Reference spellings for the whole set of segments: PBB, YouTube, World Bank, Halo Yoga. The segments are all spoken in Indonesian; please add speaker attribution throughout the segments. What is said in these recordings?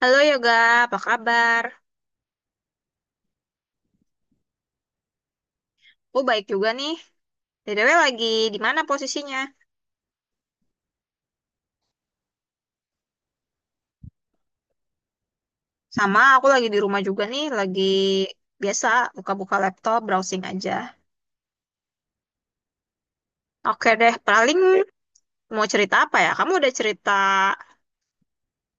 Speaker 1: Halo Yoga, apa kabar? Aku baik juga nih. BTW lagi di mana posisinya? Sama, aku lagi di rumah juga nih, lagi biasa buka-buka laptop, browsing aja. Oke deh, paling mau cerita apa ya? Kamu udah cerita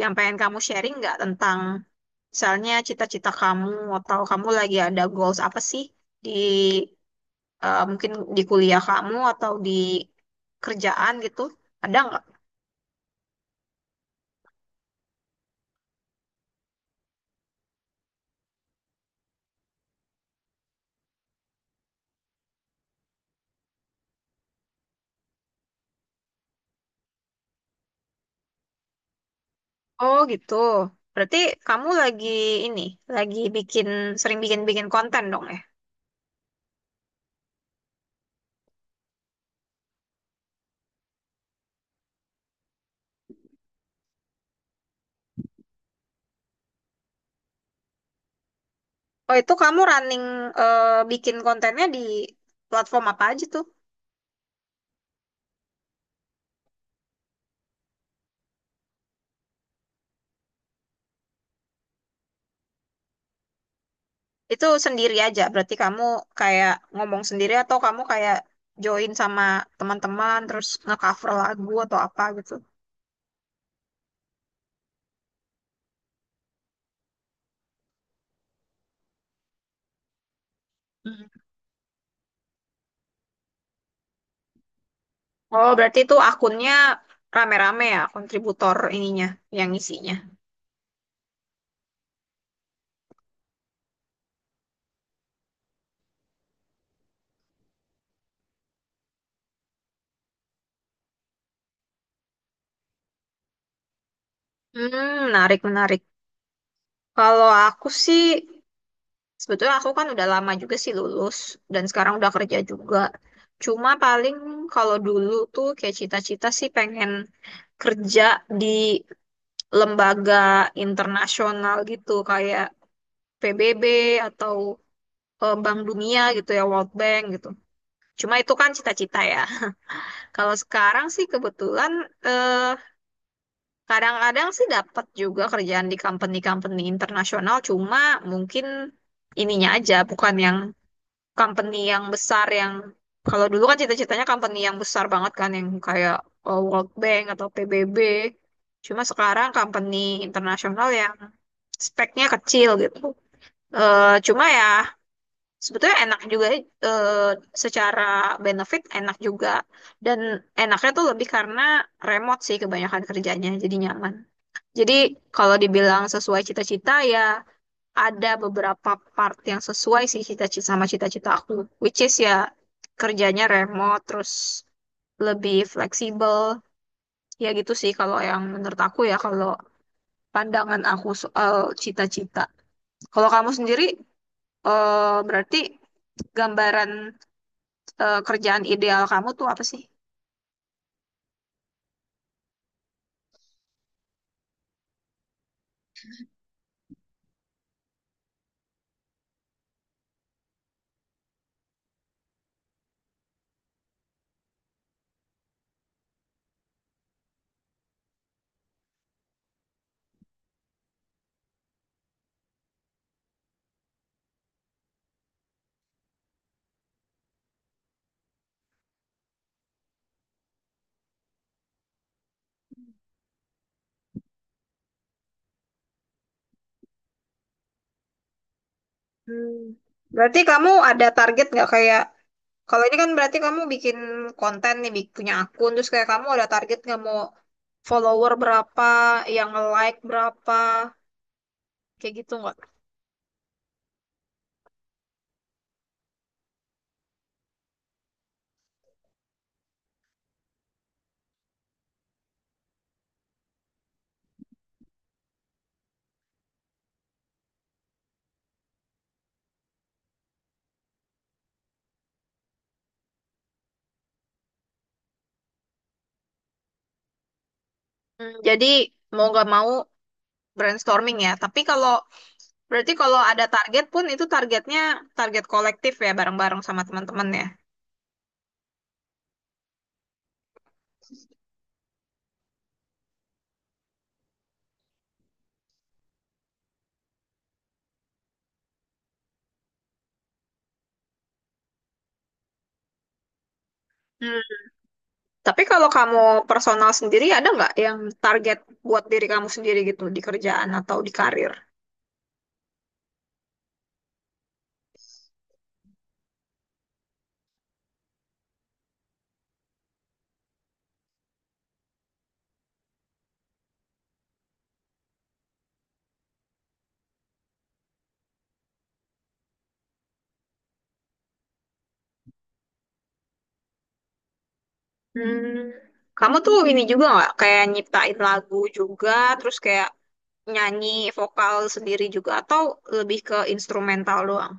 Speaker 1: yang pengen kamu sharing nggak tentang misalnya cita-cita kamu atau kamu lagi ada goals apa sih di mungkin di kuliah kamu atau di kerjaan gitu? Ada nggak? Oh gitu. Berarti kamu lagi ini, lagi bikin, sering bikin-bikin konten dong ya? Oh itu kamu running bikin kontennya di platform apa aja tuh? Itu sendiri aja, berarti kamu kayak ngomong sendiri atau kamu kayak join sama teman-teman terus nge-cover lagu atau apa gitu? Mm. Oh berarti itu akunnya rame-rame ya, kontributor ininya, yang isinya. Hmm, menarik, menarik. Kalau aku sih Sebetulnya aku kan udah lama juga sih lulus dan sekarang udah kerja juga. Cuma paling kalau dulu tuh kayak cita-cita sih pengen kerja di lembaga internasional gitu kayak PBB atau Bank Dunia gitu ya, World Bank gitu. Cuma itu kan cita-cita ya. Kalau sekarang sih kebetulan eh, kadang-kadang sih dapat juga kerjaan di company-company internasional. Cuma mungkin ininya aja bukan yang company yang besar yang kalau dulu kan cita-citanya company yang besar banget kan yang kayak World Bank atau PBB. Cuma sekarang company internasional yang speknya kecil gitu. Cuma ya sebetulnya enak juga eh, secara benefit enak juga dan enaknya tuh lebih karena remote sih kebanyakan kerjanya jadi nyaman. Jadi kalau dibilang sesuai cita-cita ya ada beberapa part yang sesuai sih cita-cita sama cita-cita aku, which is ya kerjanya remote, terus lebih fleksibel, ya gitu sih kalau yang menurut aku ya kalau pandangan aku soal cita-cita. Kalau kamu sendiri, berarti gambaran kerjaan ideal kamu tuh apa sih? Hmm. Berarti kamu ada target nggak kayak? Kalau ini kan berarti kamu bikin konten nih, punya akun, terus kayak kamu ada target nggak mau follower berapa, yang like berapa, kayak gitu nggak? Hmm, jadi mau nggak mau brainstorming ya. Tapi kalau berarti kalau ada target pun itu targetnya target kolektif ya, bareng-bareng sama teman-teman ya. Hmm, tapi kalau kamu personal sendiri ada nggak yang target buat diri kamu sendiri gitu di kerjaan atau di karir? Hmm, kamu tuh ini juga nggak kayak nyiptain lagu juga, terus kayak nyanyi vokal sendiri juga, atau lebih ke instrumental doang?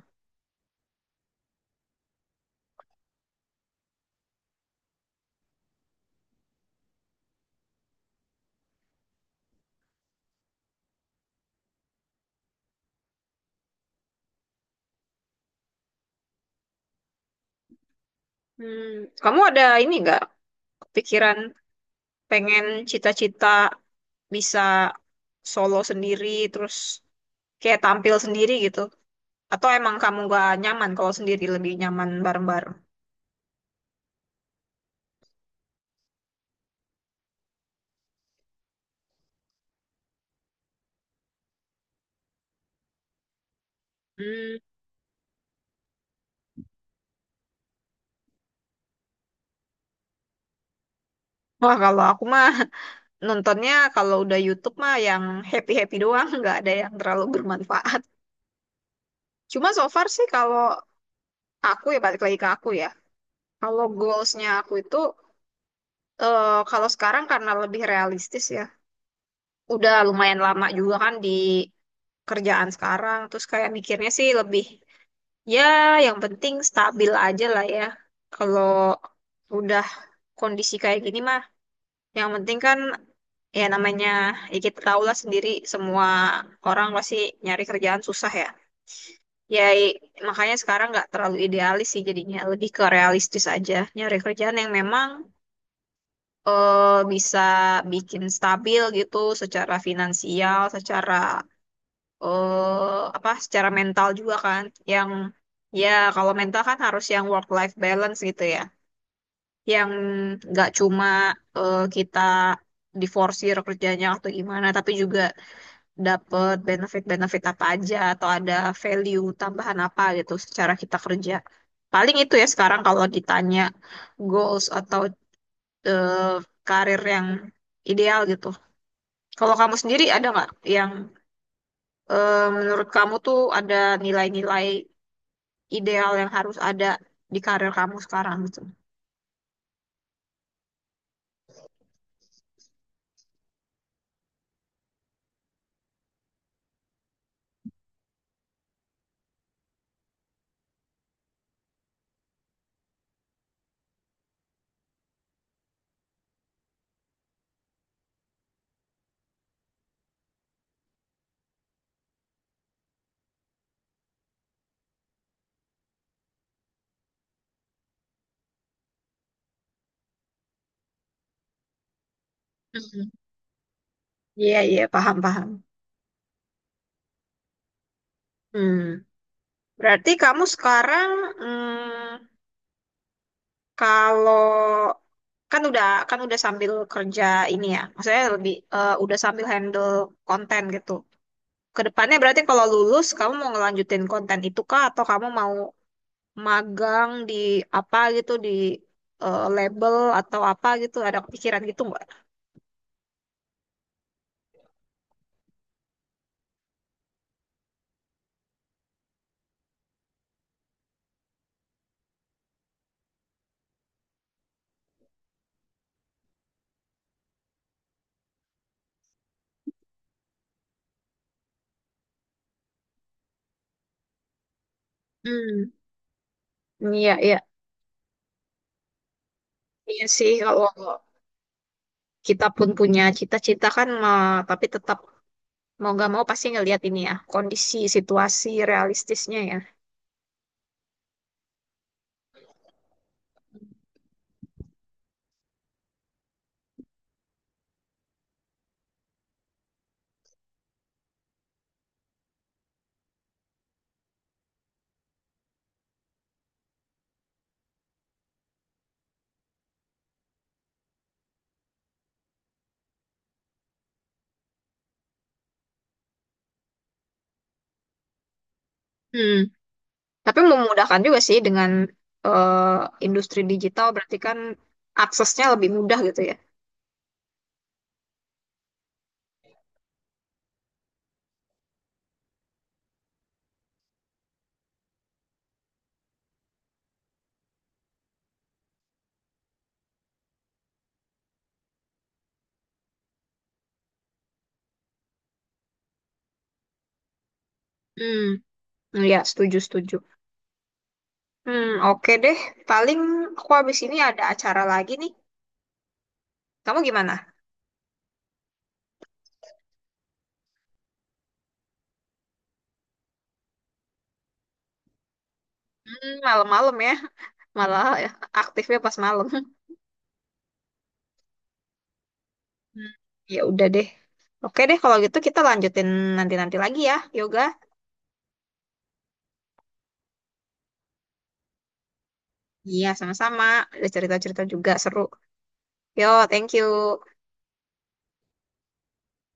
Speaker 1: Hmm, kamu ada ini nggak pikiran pengen cita-cita bisa solo sendiri, terus kayak tampil sendiri gitu? Atau emang kamu nggak nyaman kalau sendiri, lebih nyaman bareng-bareng? Hmm, wah kalau aku mah nontonnya kalau udah YouTube mah yang happy-happy doang, nggak ada yang terlalu bermanfaat. Cuma so far sih kalau aku ya balik lagi ke aku ya. Kalau goalsnya aku itu eh, kalau sekarang karena lebih realistis ya. Udah lumayan lama juga kan di kerjaan sekarang. Terus kayak mikirnya sih lebih ya yang penting stabil aja lah ya. Kalau udah kondisi kayak gini mah yang penting kan ya namanya ya kita tahu lah sendiri semua orang pasti nyari kerjaan susah ya. Ya, makanya sekarang nggak terlalu idealis sih jadinya, lebih ke realistis aja. Nyari kerjaan yang memang eh, bisa bikin stabil gitu secara finansial, secara apa, secara mental juga kan. Yang ya kalau mental kan harus yang work life balance gitu ya. Yang nggak cuma kita diforsir kerjanya atau gimana, tapi juga dapat benefit-benefit apa aja atau ada value tambahan apa gitu secara kita kerja. Paling itu ya sekarang kalau ditanya goals atau eh, karir yang ideal gitu. Kalau kamu sendiri ada nggak yang menurut kamu tuh ada nilai-nilai ideal yang harus ada di karir kamu sekarang gitu? Mhm. Iya, iya, paham, paham. Hmm. Berarti kamu sekarang hmm, kalau kan udah sambil kerja ini ya, maksudnya lebih udah sambil handle konten gitu. Kedepannya berarti kalau lulus kamu mau ngelanjutin konten itu kah atau kamu mau magang di apa gitu di label atau apa gitu ada kepikiran gitu nggak? Hmm, iya, iya, iya sih kalau kita pun punya cita-cita kan tapi tetap mau nggak mau pasti ngelihat ini ya kondisi situasi realistisnya ya. Hmm. Tapi memudahkan juga sih dengan eh, industri digital berarti kan aksesnya lebih mudah gitu ya. Hmm, ya setuju, setuju. Hmm, oke deh. Paling aku habis ini ada acara lagi nih. Kamu gimana? Hmm, malam-malam ya. Malah ya, aktifnya pas malam. Hmm, ya udah deh. Oke deh kalau gitu kita lanjutin nanti-nanti lagi ya Yoga. Iya sama-sama. Ada cerita-cerita juga seru. Yo, thank you.